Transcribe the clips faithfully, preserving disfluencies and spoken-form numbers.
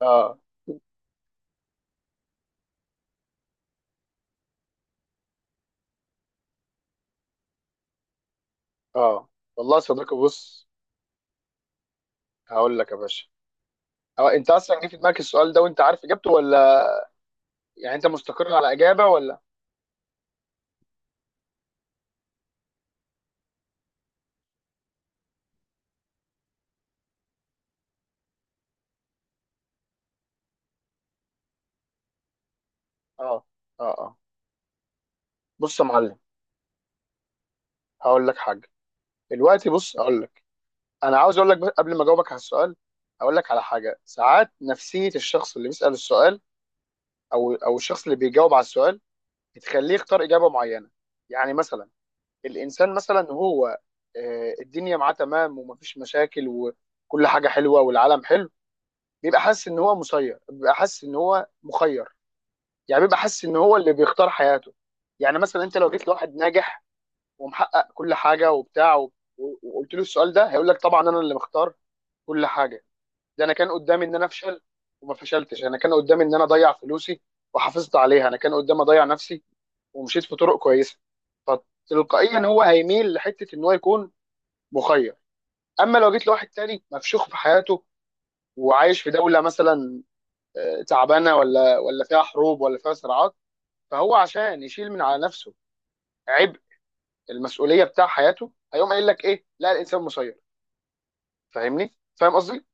اه اه، والله يا صديقي. بص، هقول لك يا باشا. أو انت اصلا جه في دماغك السؤال ده وانت عارف اجابته، ولا يعني انت مستقر على اجابه ولا؟ اه اه اه. بص يا معلم، هقول لك حاجه. دلوقتي بص هقول لك، انا عاوز اقول لك بس قبل ما اجاوبك على السؤال، هقول لك على حاجه. ساعات نفسيه الشخص اللي بيسال السؤال او او الشخص اللي بيجاوب على السؤال بتخليه يختار اجابه معينه. يعني مثلا الانسان مثلا هو آه، الدنيا معاه تمام ومفيش مشاكل وكل حاجه حلوه والعالم حلو، بيبقى حاسس ان هو مسير، بيبقى حاسس ان هو مخير. يعني بيبقى حاسس ان هو اللي بيختار حياته. يعني مثلا انت لو جيت لواحد ناجح ومحقق كل حاجه وبتاع و- و- وقلت له السؤال ده، هيقول لك طبعا انا اللي مختار كل حاجه. ده انا كان قدامي ان انا افشل وما فشلتش، انا كان قدامي ان انا اضيع فلوسي وحافظت عليها، انا كان قدامي اضيع نفسي ومشيت في طرق كويسه. فتلقائيا هو هيميل لحته ان هو يكون مخير. اما لو جيت لواحد تاني مفشوخ في حياته وعايش في دوله مثلا تعبانه ولا ولا فيها حروب ولا فيها صراعات، فهو عشان يشيل من على نفسه عبء المسؤوليه بتاع حياته، هيقوم قايل لك ايه، لا الانسان مسير. فاهمني؟ فاهم قصدي؟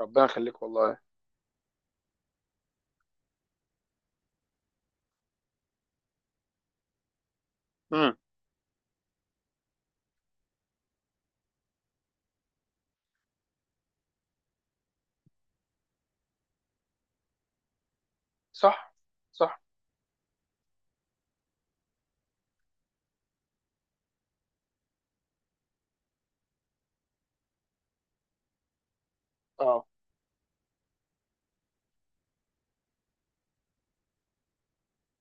ربنا يخليك والله. امم. صح صح. اه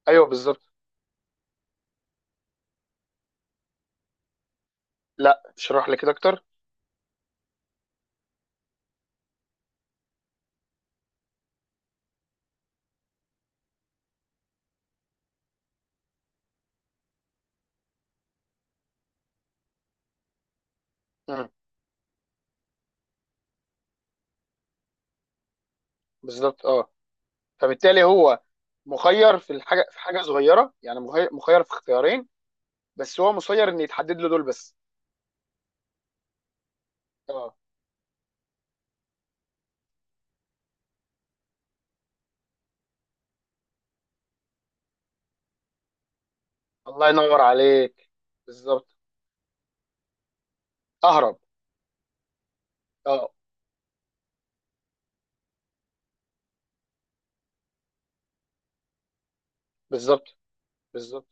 ايوه بالظبط. لا اشرح لي كده اكتر. امم. بالظبط اه. فبالتالي هو مخير في الحاجه، في حاجه صغيره، يعني مخير مخير في اختيارين بس، هو مسير ان يتحدد له دول بس. اه. الله ينور عليك. بالظبط. اهرب. اه بالظبط. بالظبط.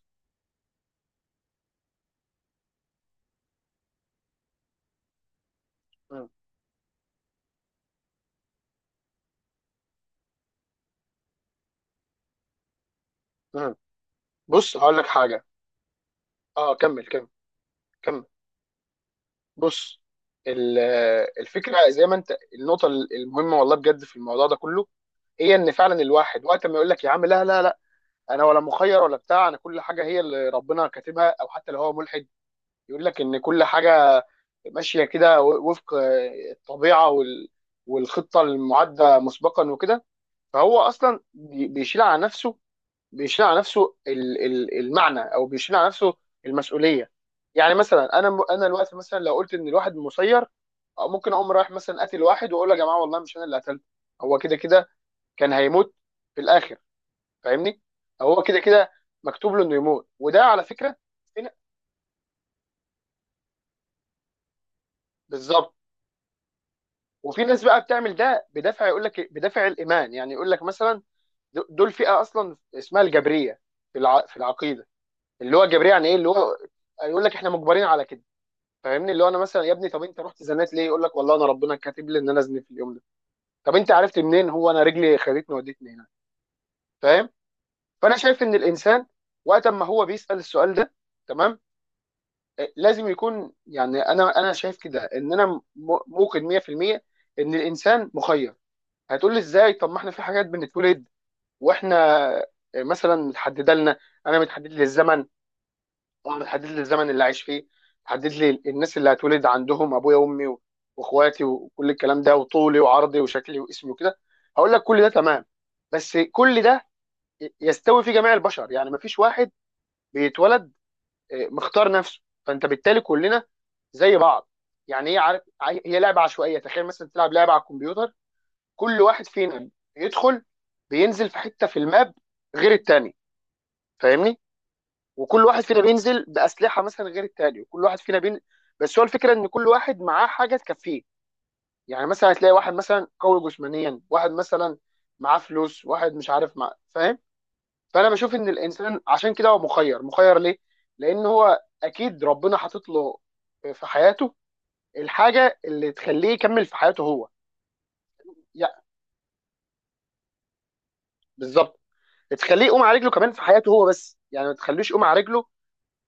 مم. بص هقول لك حاجه. اه كمل كمل كمل. بص، ال- الفكره زي ما انت النقطه المهمه والله بجد في الموضوع ده كله، هي ان فعلا الواحد وقت ما يقول لك يا عم لا لا لا، انا ولا مخير ولا بتاع، انا كل حاجه هي اللي ربنا كاتبها، او حتى لو هو ملحد يقول لك ان كل حاجه ماشيه كده وفق الطبيعه وال- والخطه المعده مسبقا وكده، فهو اصلا بي- بيشيل على نفسه، بيشيل على نفسه ال- ال- المعنى، او بيشيل على نفسه المسؤوليه. يعني مثلا انا انا دلوقتي مثلا لو قلت ان الواحد مسير، أو ممكن اقوم رايح مثلا قاتل واحد واقول له يا جماعه والله مش انا اللي قتلته، هو كده كده كان هيموت في الاخر. فاهمني؟ هو كده كده مكتوب له انه يموت، وده على فكره في ن- بالظبط. وفي ناس بقى بتعمل ده بدافع، يقول لك إيه؟ بدافع الايمان. يعني يقول لك مثلا د- دول فئه اصلا اسمها الجبريه في الع... في العقيده، اللي هو الجبريه يعني ايه، اللي هو يقول لك احنا مجبرين على كده. فاهمني؟ اللي هو انا مثلا، يا ابني طب انت رحت زنات ليه؟ يقول لك والله انا ربنا كاتب لي ان انا ازني في اليوم ده. طب انت عرفت منين؟ هو انا رجلي خدتني ودتني هنا. فاهم؟ فانا شايف ان الانسان وقت ما هو بيسأل السؤال ده، تمام، آه، لازم يكون، يعني انا انا شايف كده ان انا م- موقن مية في المية ان الانسان مخير. هتقول لي ازاي؟ طب ما احنا في حاجات بنتولد واحنا آه، مثلا متحدده لنا. انا متحدد لي الزمن، طبعا بتحدد لي الزمن اللي عايش فيه، بتحدد لي الناس اللي هتولد عندهم، ابويا وامي و- واخواتي وكل الكلام ده، وطولي وعرضي وشكلي واسمي وكده. هقول لك كل ده تمام، بس كل ده يستوي في جميع البشر. يعني مفيش واحد بيتولد آه، مختار نفسه. فانت بالتالي كلنا زي بعض. يعني هي، عارف عي- هي لعبه عشوائيه. تخيل مثلا تلعب لعبه على الكمبيوتر، كل واحد فينا يدخل بينزل في حته في الماب غير التاني. فاهمني؟ وكل واحد فينا بينزل باسلحه مثلا غير التاني، وكل واحد فينا بين بس هو الفكره ان كل واحد معاه حاجه تكفيه. يعني مثلا هتلاقي واحد مثلا قوي جسمانيا، واحد مثلا معاه فلوس، واحد مش عارف مع، فاهم؟ فانا بشوف ان الانسان عشان كده هو مخير. مخير ليه؟ لان هو اكيد ربنا حاطط له في حياته الحاجه اللي تخليه يكمل في حياته هو. يا بالظبط. تخليه يقوم على رجله كمان في حياته هو، بس يعني ما تخلوش يقوم على رجله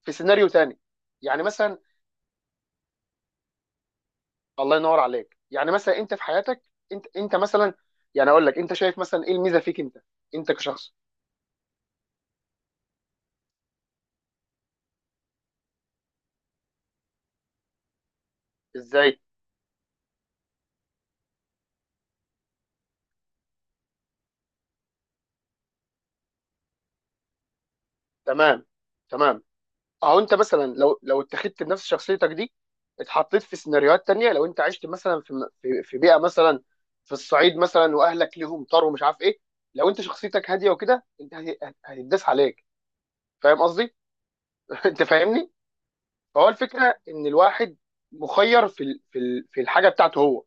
في سيناريو تاني. يعني مثلا الله ينور عليك، يعني مثلا انت في حياتك، انت انت مثلا، يعني اقول لك، انت شايف مثلا ايه الميزه فيك انت، انت كشخص؟ ازاي؟ تمام تمام. اهو انت مثلا لو لو اتخذت بنفس شخصيتك دي، اتحطيت في سيناريوهات تانية، لو انت عشت مثلا في م- في, في بيئه مثلا، في الصعيد مثلا، واهلك ليهم طار ومش عارف ايه، لو انت شخصيتك هاديه وكده، انت هت- هت- هتتداس عليك. فاهم قصدي؟ انت فاهمني؟ فهو الفكره ان الواحد مخير في ال- في ال- في الحاجه بتاعته هو،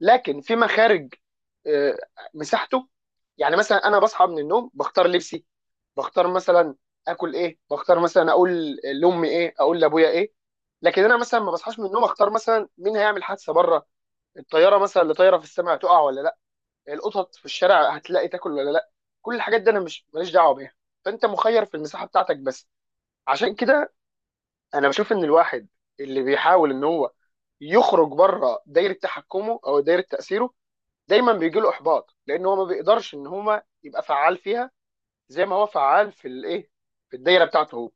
لكن في مخارج، آه، مساحته. يعني مثلا انا بصحى من النوم بختار لبسي، بختار مثلا اكل ايه، بختار مثلا اقول لامي ايه، اقول لابويا ايه. لكن انا مثلا ما بصحاش من النوم اختار مثلا مين هيعمل حادثه بره، الطياره مثلا اللي طايره في السماء تقع ولا لا، القطط في الشارع هتلاقي تاكل ولا لا. كل الحاجات دي انا مش، ماليش دعوه بيها. فانت مخير في المساحه بتاعتك بس. عشان كده انا بشوف ان الواحد اللي بيحاول ان هو يخرج بره دايره تحكمه او دايره تاثيره، دايما بيجي له احباط، لان هو ما بيقدرش ان هو يبقى فعال فيها زي ما هو فعال في الايه، في الدايره بتاعته هو.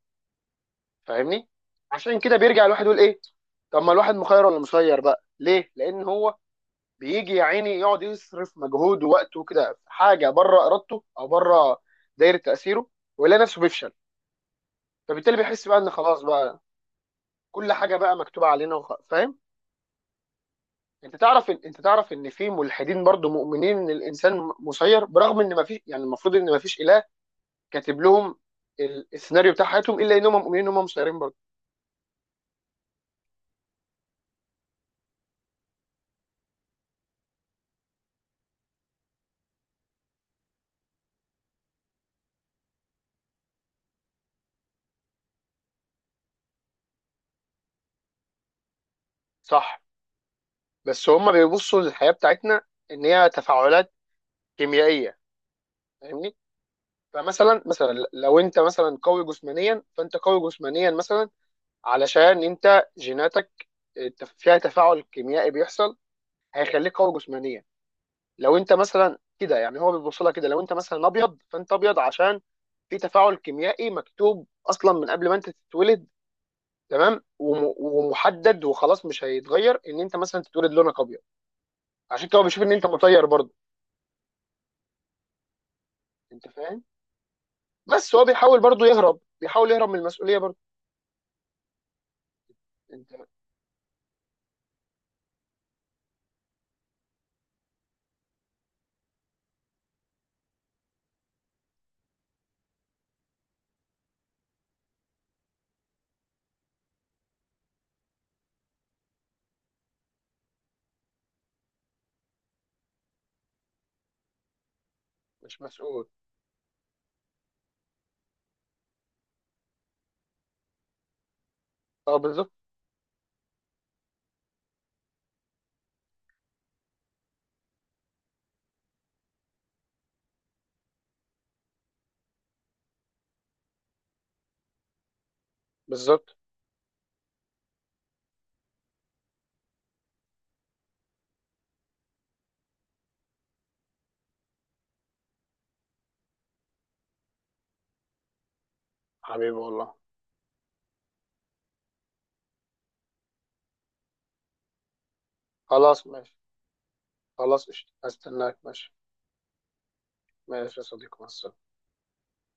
فاهمني؟ عشان كده بيرجع الواحد يقول ايه، طب ما الواحد مخير ولا مسير بقى؟ ليه؟ لان هو بيجي يا عيني يقعد يصرف مجهود ووقته كده في حاجه بره ارادته او بره دايره تاثيره، ويلاقي نفسه بيفشل، فبالتالي بيحس بقى ان خلاص بقى، كل حاجه بقى مكتوبه علينا وخ... فاهم؟ انت تعرف إن... انت تعرف ان في ملحدين برضو مؤمنين ان الانسان مسير، برغم ان ما فيش، يعني المفروض ان ما فيش اله كاتب لهم ال- السيناريو بتاع حياتهم، الا انهم مؤمنين ان هم مسيرين برضه. صح. بس هم بيبصوا للحياه بتاعتنا ان هي تفاعلات كيميائيه. فاهمني؟ فمثلا، مثلا لو انت مثلا قوي جسمانيا، فانت قوي جسمانيا مثلا علشان انت جيناتك التف- فيها تفاعل كيميائي بيحصل هيخليك قوي جسمانيا. لو انت مثلا كده، يعني هو بيبص لها كده، لو انت مثلا ابيض، فانت ابيض عشان في تفاعل كيميائي مكتوب اصلا من قبل ما انت تتولد، تمام، وم- ومحدد وخلاص مش هيتغير، ان انت مثلا تتولد لونك ابيض. عشان كده هو بيشوف ان انت مطير برضه. انت فاهم؟ بس هو بيحاول برضه يهرب، بيحاول يهرب من المسؤوليه برضه. انت مش مسؤول. اه بالظبط بالظبط. حبيبي والله. خلاص ماشي. خلاص قشطة. هستناك. ماشي ماشي يا صديقي، مع السلامه.